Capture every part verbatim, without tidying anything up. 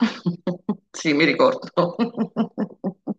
Sì, mi ricordo.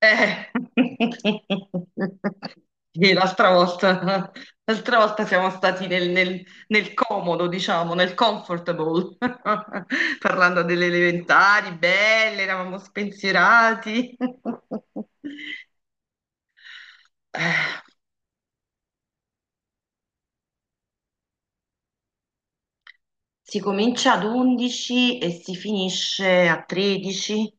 Eh. Sì, l'altra volta, l'altra volta siamo stati nel, nel- nel comodo, diciamo, nel comfortable, parlando delle elementari, belle, eravamo spensierati. Eh. Si comincia ad undici e si finisce a tredici,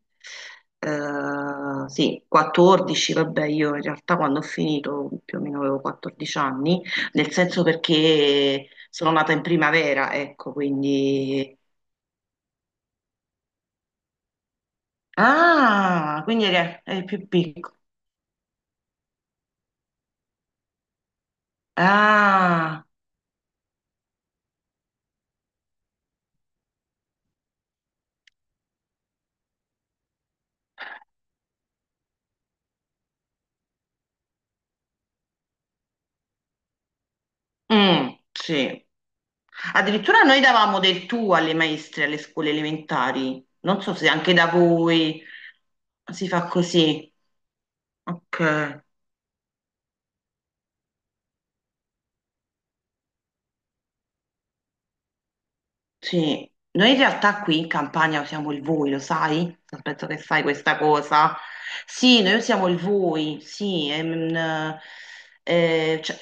eh, sì, quattordici, vabbè, io in realtà quando ho finito più o meno avevo quattordici anni, nel senso perché sono nata in primavera, ecco, quindi. Ah, quindi eri, eri più piccolo. Ah, mm, sì. Addirittura noi davamo del tu alle maestre alle scuole elementari, non so se anche da voi si fa così. Ok, sì. Noi in realtà qui in Campania usiamo il voi, lo sai? Non penso che sai questa cosa. Sì, noi usiamo il voi, sì. è un- eh, cioè-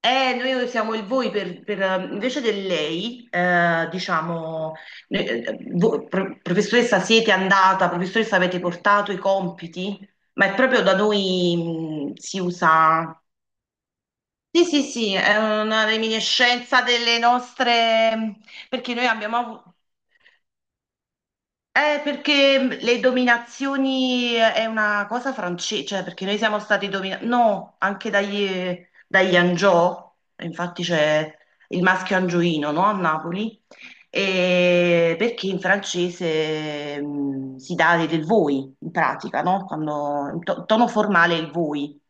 eh, noi usiamo il voi per, per, eh, invece del lei, eh, diciamo, noi- eh, vo- pro- professoressa siete andata, professoressa avete portato i compiti, ma è proprio da noi, mm, si usa. Sì, sì, sì, è una reminiscenza delle nostre, perché noi abbiamo avuto, eh, perché le dominazioni è una cosa francese, cioè perché noi siamo stati dominati, no, anche dagli, dagli Angiò, infatti c'è il maschio angioino, no, a Napoli, e perché in francese mh, si dà del voi, in pratica, no? Quando, in to- tono formale è il voi.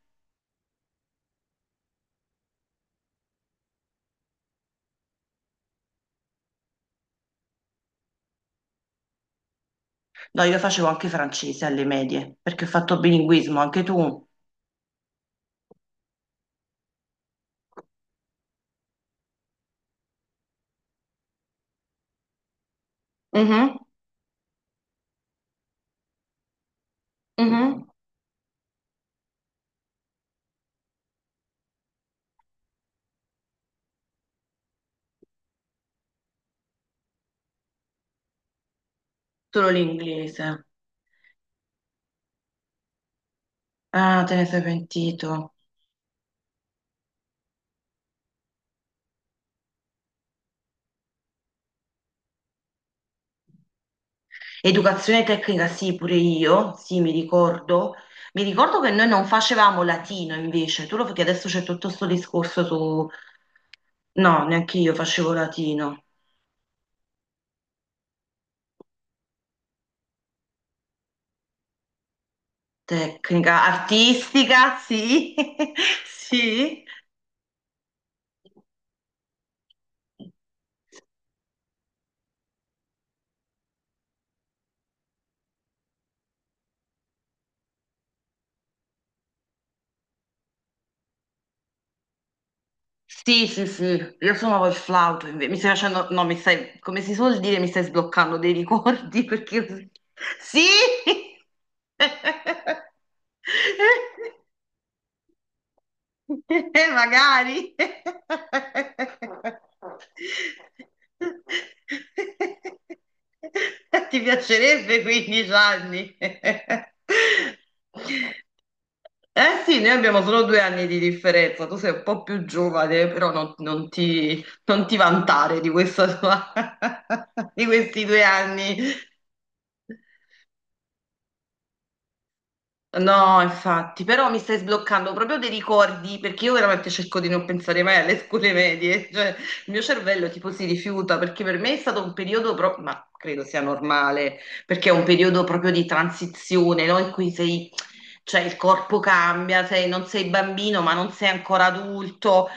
No, io facevo anche francese alle medie, perché ho fatto bilinguismo, anche tu. Mhm, mhm. Solo l'inglese. Ah, te ne sei pentito. Educazione tecnica, sì, pure io, sì, mi ricordo. Mi ricordo che noi non facevamo latino invece, tu lo perché adesso c'è tutto questo discorso su. No, neanche io facevo latino. Tecnica, artistica, sì, sì, sì, sì, sì, io suonavo il flauto, inve- mi stai facendo, no, mi stai, come si suol dire, mi stai sbloccando dei ricordi perché... io- Sì! Magari. Ti piacerebbe quindici anni? Eh sì, noi abbiamo solo due anni di differenza, tu sei un po' più giovane, però non, non ti, non ti vantare di questa tua- di questi due anni. No, infatti, però mi stai sbloccando proprio dei ricordi perché io veramente cerco di non pensare mai alle scuole medie, cioè il mio cervello tipo si rifiuta perché per me è stato un periodo proprio, ma credo sia normale, perché è un periodo proprio di transizione, no? In cui sei, cioè il corpo cambia, sei- non sei bambino ma non sei ancora adulto.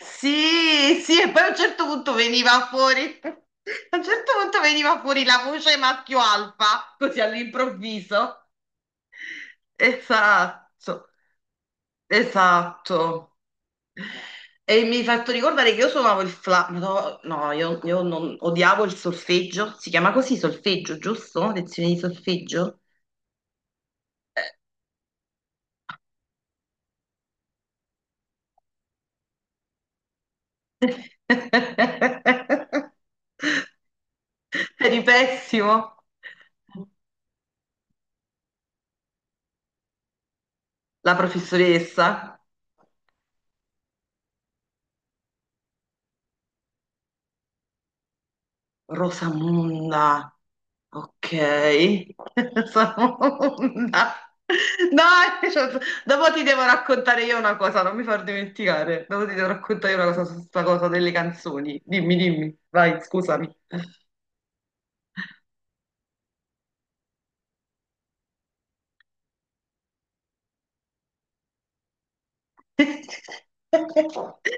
Sì, sì, e poi a un certo punto veniva fuori, a un certo punto veniva fuori la voce maschio alfa, così all'improvviso. Esatto, esatto. E mi hai fatto ricordare che io suonavo il flauto, no, no, io, io non, odiavo il solfeggio, si chiama così solfeggio, giusto? Lezione di solfeggio? Eri pessimo. La professoressa. Rosamunda, ok. Rosamunda. Dai, cioè, dopo ti devo raccontare io una cosa, non mi far dimenticare. Dopo ti devo raccontare io una cosa su questa cosa delle canzoni. Dimmi, dimmi, vai, scusami.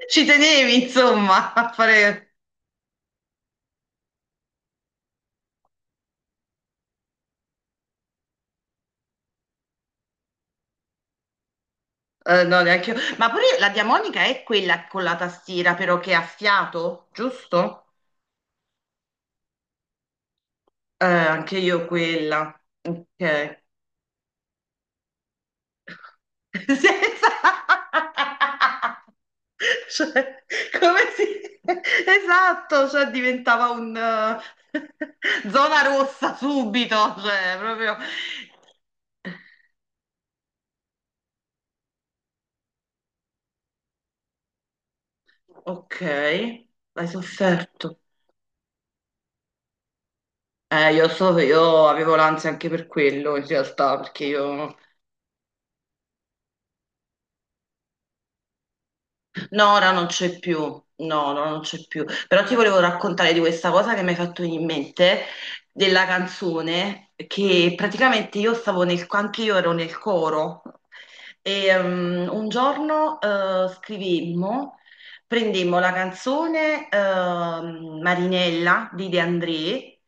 Ci tenevi, insomma, a fare. Eh, no, neanche io. Ma pure la diamonica è quella con la tastiera, però che ha fiato, giusto? Eh, anche io quella. Ok. Senza. Cioè, come si. Esatto, cioè diventava un... eh, zona rossa subito, cioè proprio. Ok, hai sofferto. Eh, io so, io avevo l'ansia anche per quello in realtà, perché io. No, ora non c'è più, no, ora non c'è più. Però ti volevo raccontare di questa cosa che mi hai fatto venire in mente, della canzone, che praticamente io stavo nel, anche io ero nel coro, e um, un giorno eh, scrivemmo, prendemmo la canzone ehm, Marinella di De André,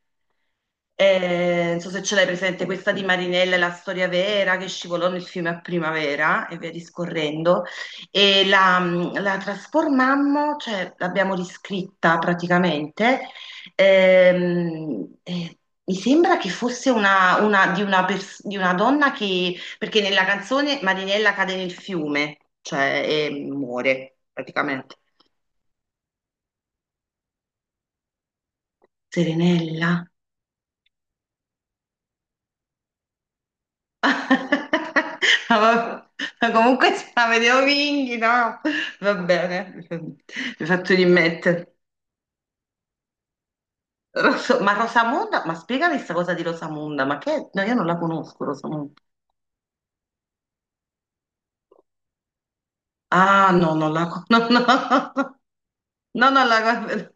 eh, non so se ce l'hai presente, questa di Marinella è la storia vera che scivolò nel fiume a primavera e via discorrendo e la, la trasformammo, cioè l'abbiamo riscritta praticamente. Ehm, eh, mi sembra che fosse una, una- di, una pers- di una donna che, perché nella canzone Marinella cade nel fiume, cioè e muore praticamente. Serenella. Ma va- ma comunque se la vedevo Vinghi, no? Va bene, mi faccio rimettere. Rosso- ma Rosamunda, ma spiegami questa cosa di Rosamunda, ma che? No, io non la conosco, Rosamunda. Ah, no, non la conosco. No, no, no, no, non la.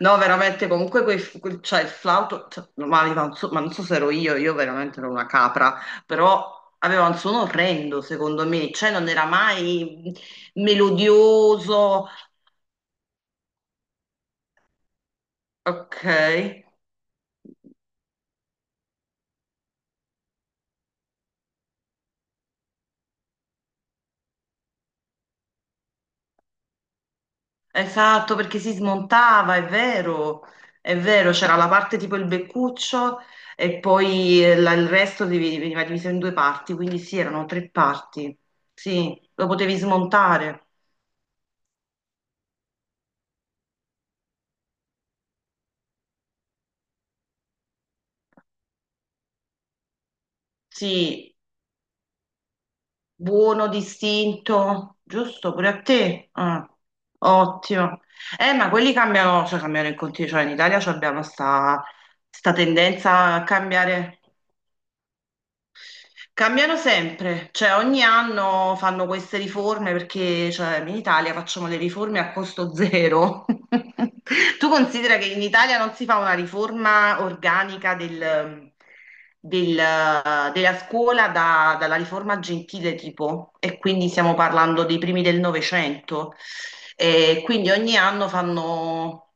No, veramente, comunque quel, quel- cioè, il flauto, cioè, ma, aveva un su- ma non so se ero io, io veramente ero una capra, però aveva un suono orrendo, secondo me, cioè non era mai melodioso. Ok. Esatto, perché si smontava, è vero, è vero, c'era la parte tipo il beccuccio e poi eh, la- il resto divi- veniva diviso in due parti, quindi sì, erano tre parti, sì, lo potevi smontare, sì, buono, distinto, giusto, pure a te, Ah, ottimo. Eh, ma quelli cambiano, cioè cambiano in continuo, cioè in Italia ci abbiamo sta, sta tendenza a cambiare. Cambiano sempre, cioè ogni anno fanno queste riforme perché cioè, in Italia facciamo le riforme a costo zero. Tu considera che in Italia non si fa una riforma organica del- del, eh, della scuola da- dalla riforma Gentile tipo, e quindi stiamo parlando dei primi del Novecento. E quindi ogni anno fanno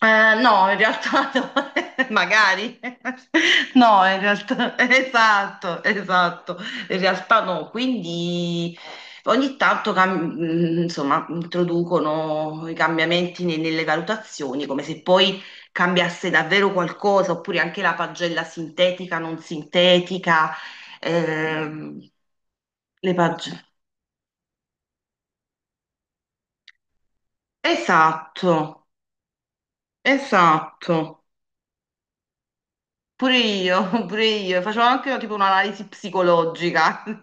eh, no, in realtà no. Magari. No, in realtà, esatto, esatto. In realtà no, quindi ogni tanto cam- mh, insomma, introducono i cambiamenti ne- nelle valutazioni, come se poi cambiasse davvero qualcosa, oppure anche la pagella sintetica, non sintetica, ehm, le pagelle. Esatto, esatto. Pure io, pure io, facevo anche tipo un'analisi psicologica,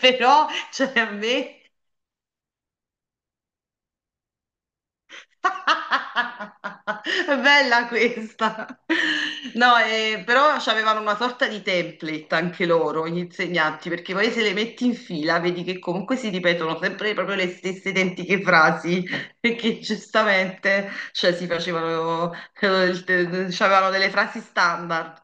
però cioè a me è bella questa. No, eh, però avevano una sorta di template anche loro, gli insegnanti, perché poi se le metti in fila vedi che comunque si ripetono sempre proprio le stesse identiche frasi, perché giustamente cioè, si facevano, eh, il- c'avevano delle frasi standard.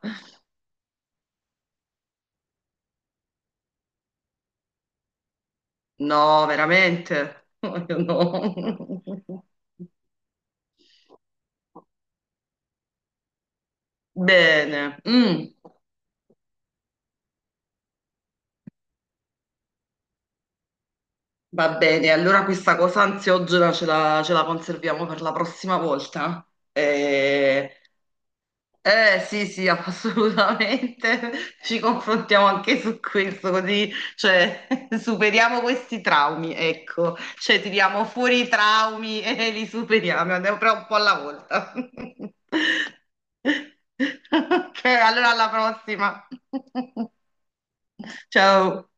No, veramente? No. Bene, mm, va bene. Allora questa cosa ansiogena ce la, ce la conserviamo per la prossima volta. Eh, Eh sì, sì, assolutamente. Ci confrontiamo anche su questo, così, cioè, superiamo questi traumi, ecco. Cioè, tiriamo fuori i traumi e li superiamo, andiamo però un po' alla volta. Ok, allora alla prossima. Ciao.